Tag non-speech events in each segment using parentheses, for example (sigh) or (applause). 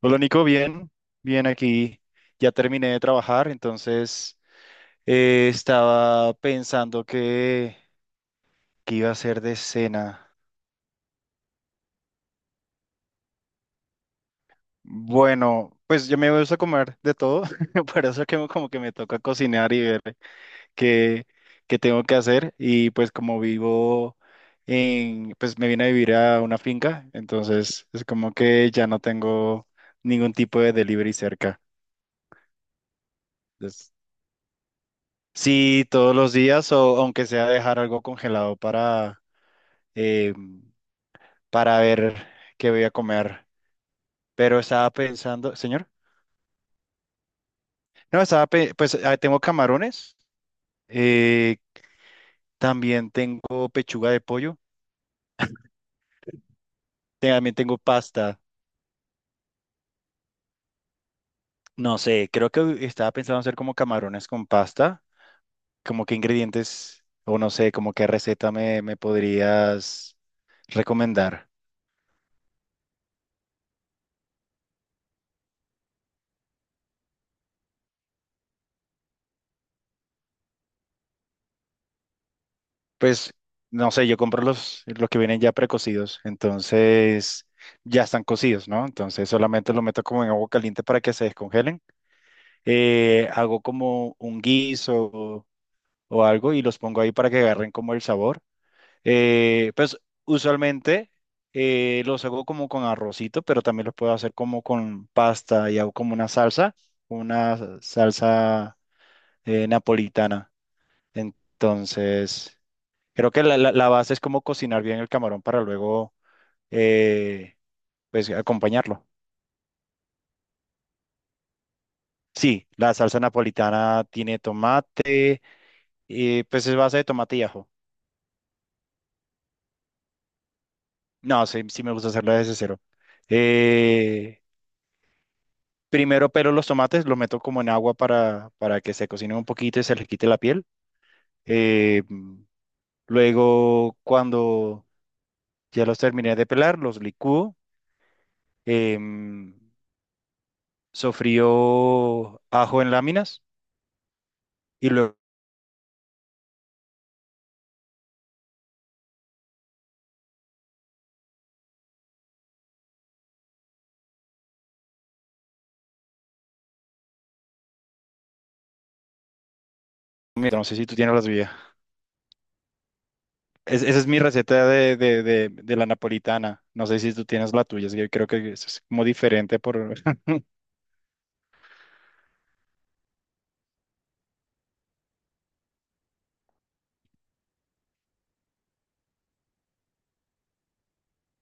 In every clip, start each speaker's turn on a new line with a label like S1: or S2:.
S1: Hola Nico, bien, bien aquí. Ya terminé de trabajar, entonces estaba pensando que iba a hacer de cena. Bueno, pues yo me gusta comer de todo, (laughs) por eso como que me toca cocinar y ver qué, qué tengo que hacer. Y pues como vivo pues me vine a vivir a una finca, entonces es como que ya no tengo ningún tipo de delivery cerca. Sí, todos los días o aunque sea dejar algo congelado eh, para ver qué voy a comer. Pero estaba pensando, señor, no, estaba, pe- pues ah, tengo camarones, eh, también tengo pechuga de pollo, también tengo pasta. No sé, creo que estaba pensando hacer como camarones con pasta, como qué ingredientes o no sé, como qué receta me podrías recomendar. Pues no sé, yo compro los que vienen ya precocidos, entonces ya están cocidos, ¿no? Entonces solamente los meto como en agua caliente para que se descongelen. Hago como un guiso o algo y los pongo ahí para que agarren como el sabor. Pues usualmente los hago como con arrocito, pero también los puedo hacer como con pasta y hago como una salsa napolitana. Entonces... Creo que la base es como cocinar bien el camarón para luego, eh, pues, acompañarlo. Sí, la salsa napolitana tiene tomate, y pues es base de tomate y ajo. No, sí, sí me gusta hacerla desde cero. Eh, primero pelo los tomates, los meto como en agua para que se cocinen un poquito y se les quite la piel. Eh, mm, luego, cuando ya los terminé de pelar, los licúo. em, sofrío ajo en láminas y luego Mira, no sé si tú tienes la tuya. Esa es mi receta de la napolitana. No sé si tú tienes la tuya. Es que yo creo que eso es como diferente por... (laughs)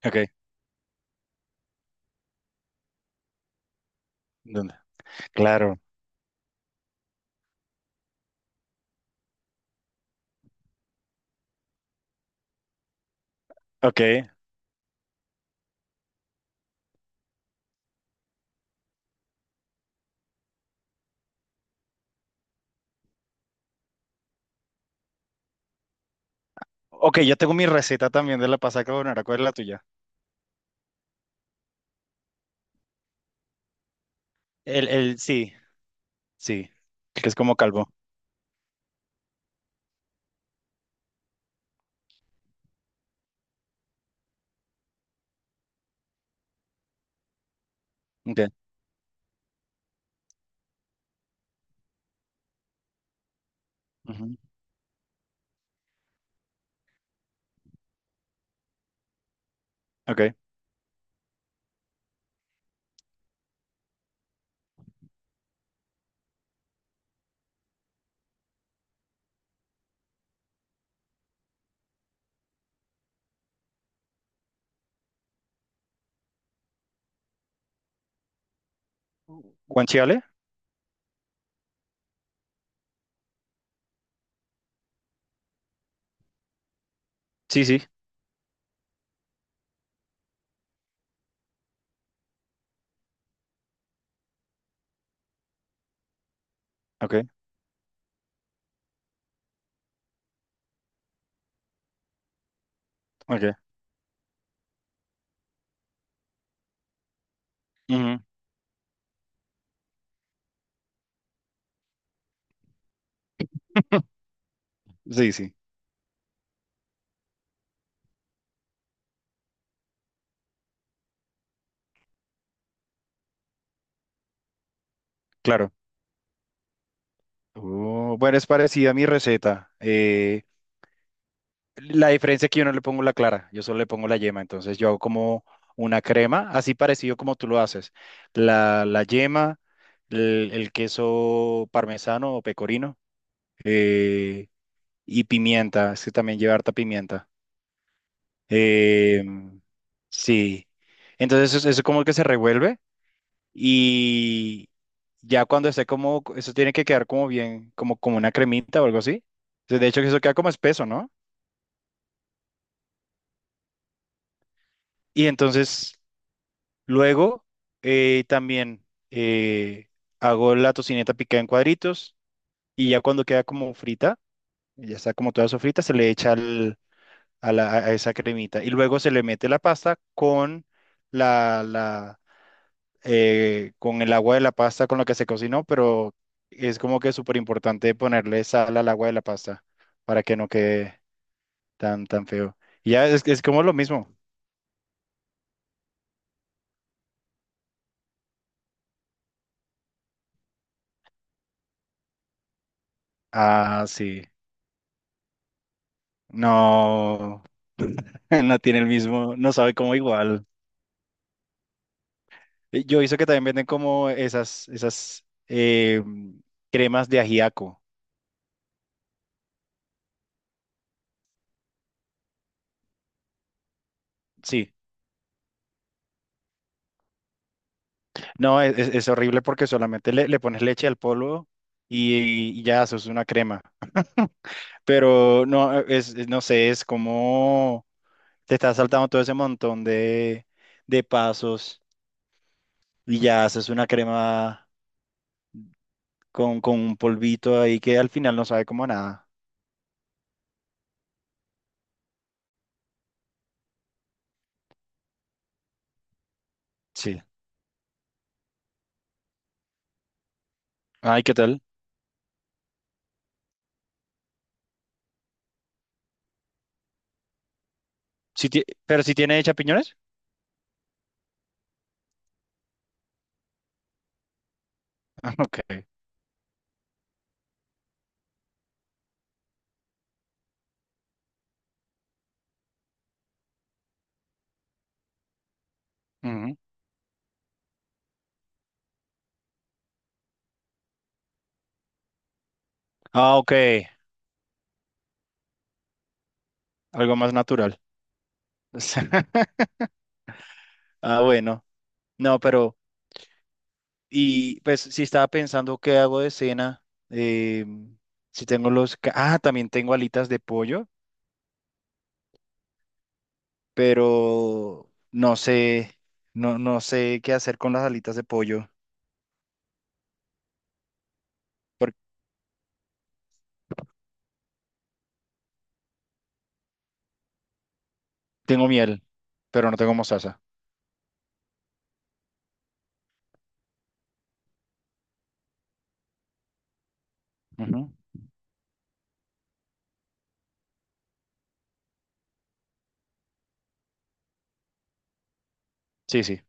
S1: Ok, ¿dónde? Claro. Ok. Ok, yo tengo mi receta también de la pasta carbonara. ¿Cuál es la tuya? Sí, sí. Que es como calvo. Ok. Ujú. Ok. ¿Guanciale? Sí, sí. Ok, ok. Ujú. Sí, sí, claro. Oh, bueno, es parecida a mi receta. La diferencia es que yo no le pongo la clara, yo solo le pongo la yema, entonces yo hago como una crema, así parecido como tú lo haces. La yema, el queso parmesano o pecorino eh, y pimienta, es que también lleva harta pimienta. Eh, sí, entonces eso como que se revuelve y ya cuando esté como, eso tiene que quedar como bien, como, como una cremita o algo así. De hecho, que eso queda como espeso, ¿no? Y entonces... Luego, también eh, hago la tocineta picada en cuadritos y ya cuando queda como frita, ya está como toda sofrita, se le echa al- a, a esa cremita y luego se le mete la pasta con la, la, con el agua de la pasta con la que se cocinó, pero es como que súper importante ponerle sal al agua de la pasta para que no quede tan, tan feo. Y ya es como lo mismo. Ah, sí. No. (laughs) No tiene el mismo, no sabe cómo igual. Yo he visto que también venden como esas cremas de ajiaco. Sí, no, es horrible porque solamente le pones leche al polvo y ya, eso es una crema. (laughs) Pero no, es- no sé, es como te estás saltando todo ese montón de pasos y ya haces una crema con un polvito ahí que al final no sabe como a nada. Sí. Ay, ¿qué tal? ¿Pero si tiene champiñones? Ok. Ujú. Ah, ok. Algo más natural. (laughs) Ah, bueno. No, pero, y pues si estaba pensando qué hago de cena, eh, si tengo los... Ah, también tengo alitas de pollo, pero no sé, no, no sé qué hacer con las alitas de pollo, porque tengo miel, pero no tengo mostaza. Ujú. Sí, sí.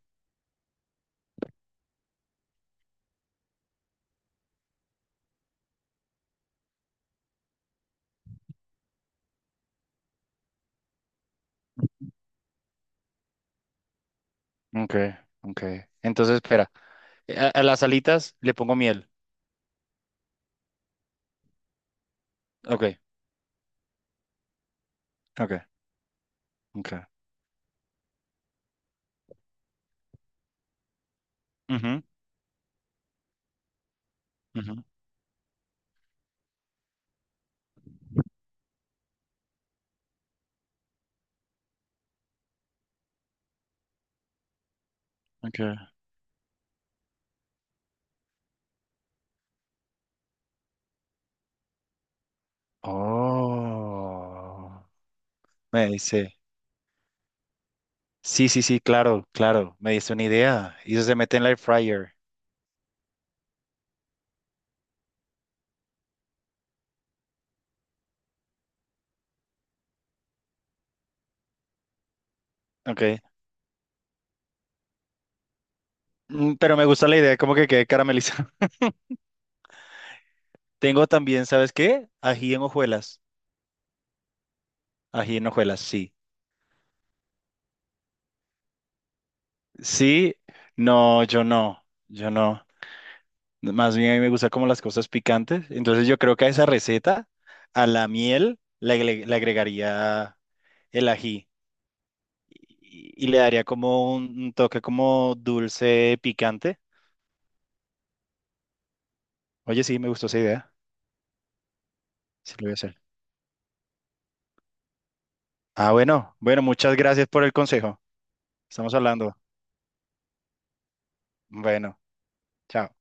S1: Ok, ok. Entonces, espera, a las alitas le pongo miel. Ok, ok, ok. Ujú, ujú, ok. Oh, me dice. Sí, sí, sí, claro, claro. Me dice una idea. Y eso se mete en la air fryer. Ok. Mm, pero me gusta la idea, como que quede caramelizado. (laughs) Tengo también, ¿sabes qué? Ají en hojuelas. Ají en hojuelas, sí. Sí, no, yo no. Yo no. Más bien a mí me gustan como las cosas picantes. Entonces yo creo que a esa receta, a la miel, le agregaría el ají. Y le daría como un toque como dulce, picante. Oye, sí, me gustó esa idea. Sí, lo voy a hacer. Ah, bueno, bueno, muchas gracias por el consejo. Estamos hablando. Bueno, chao.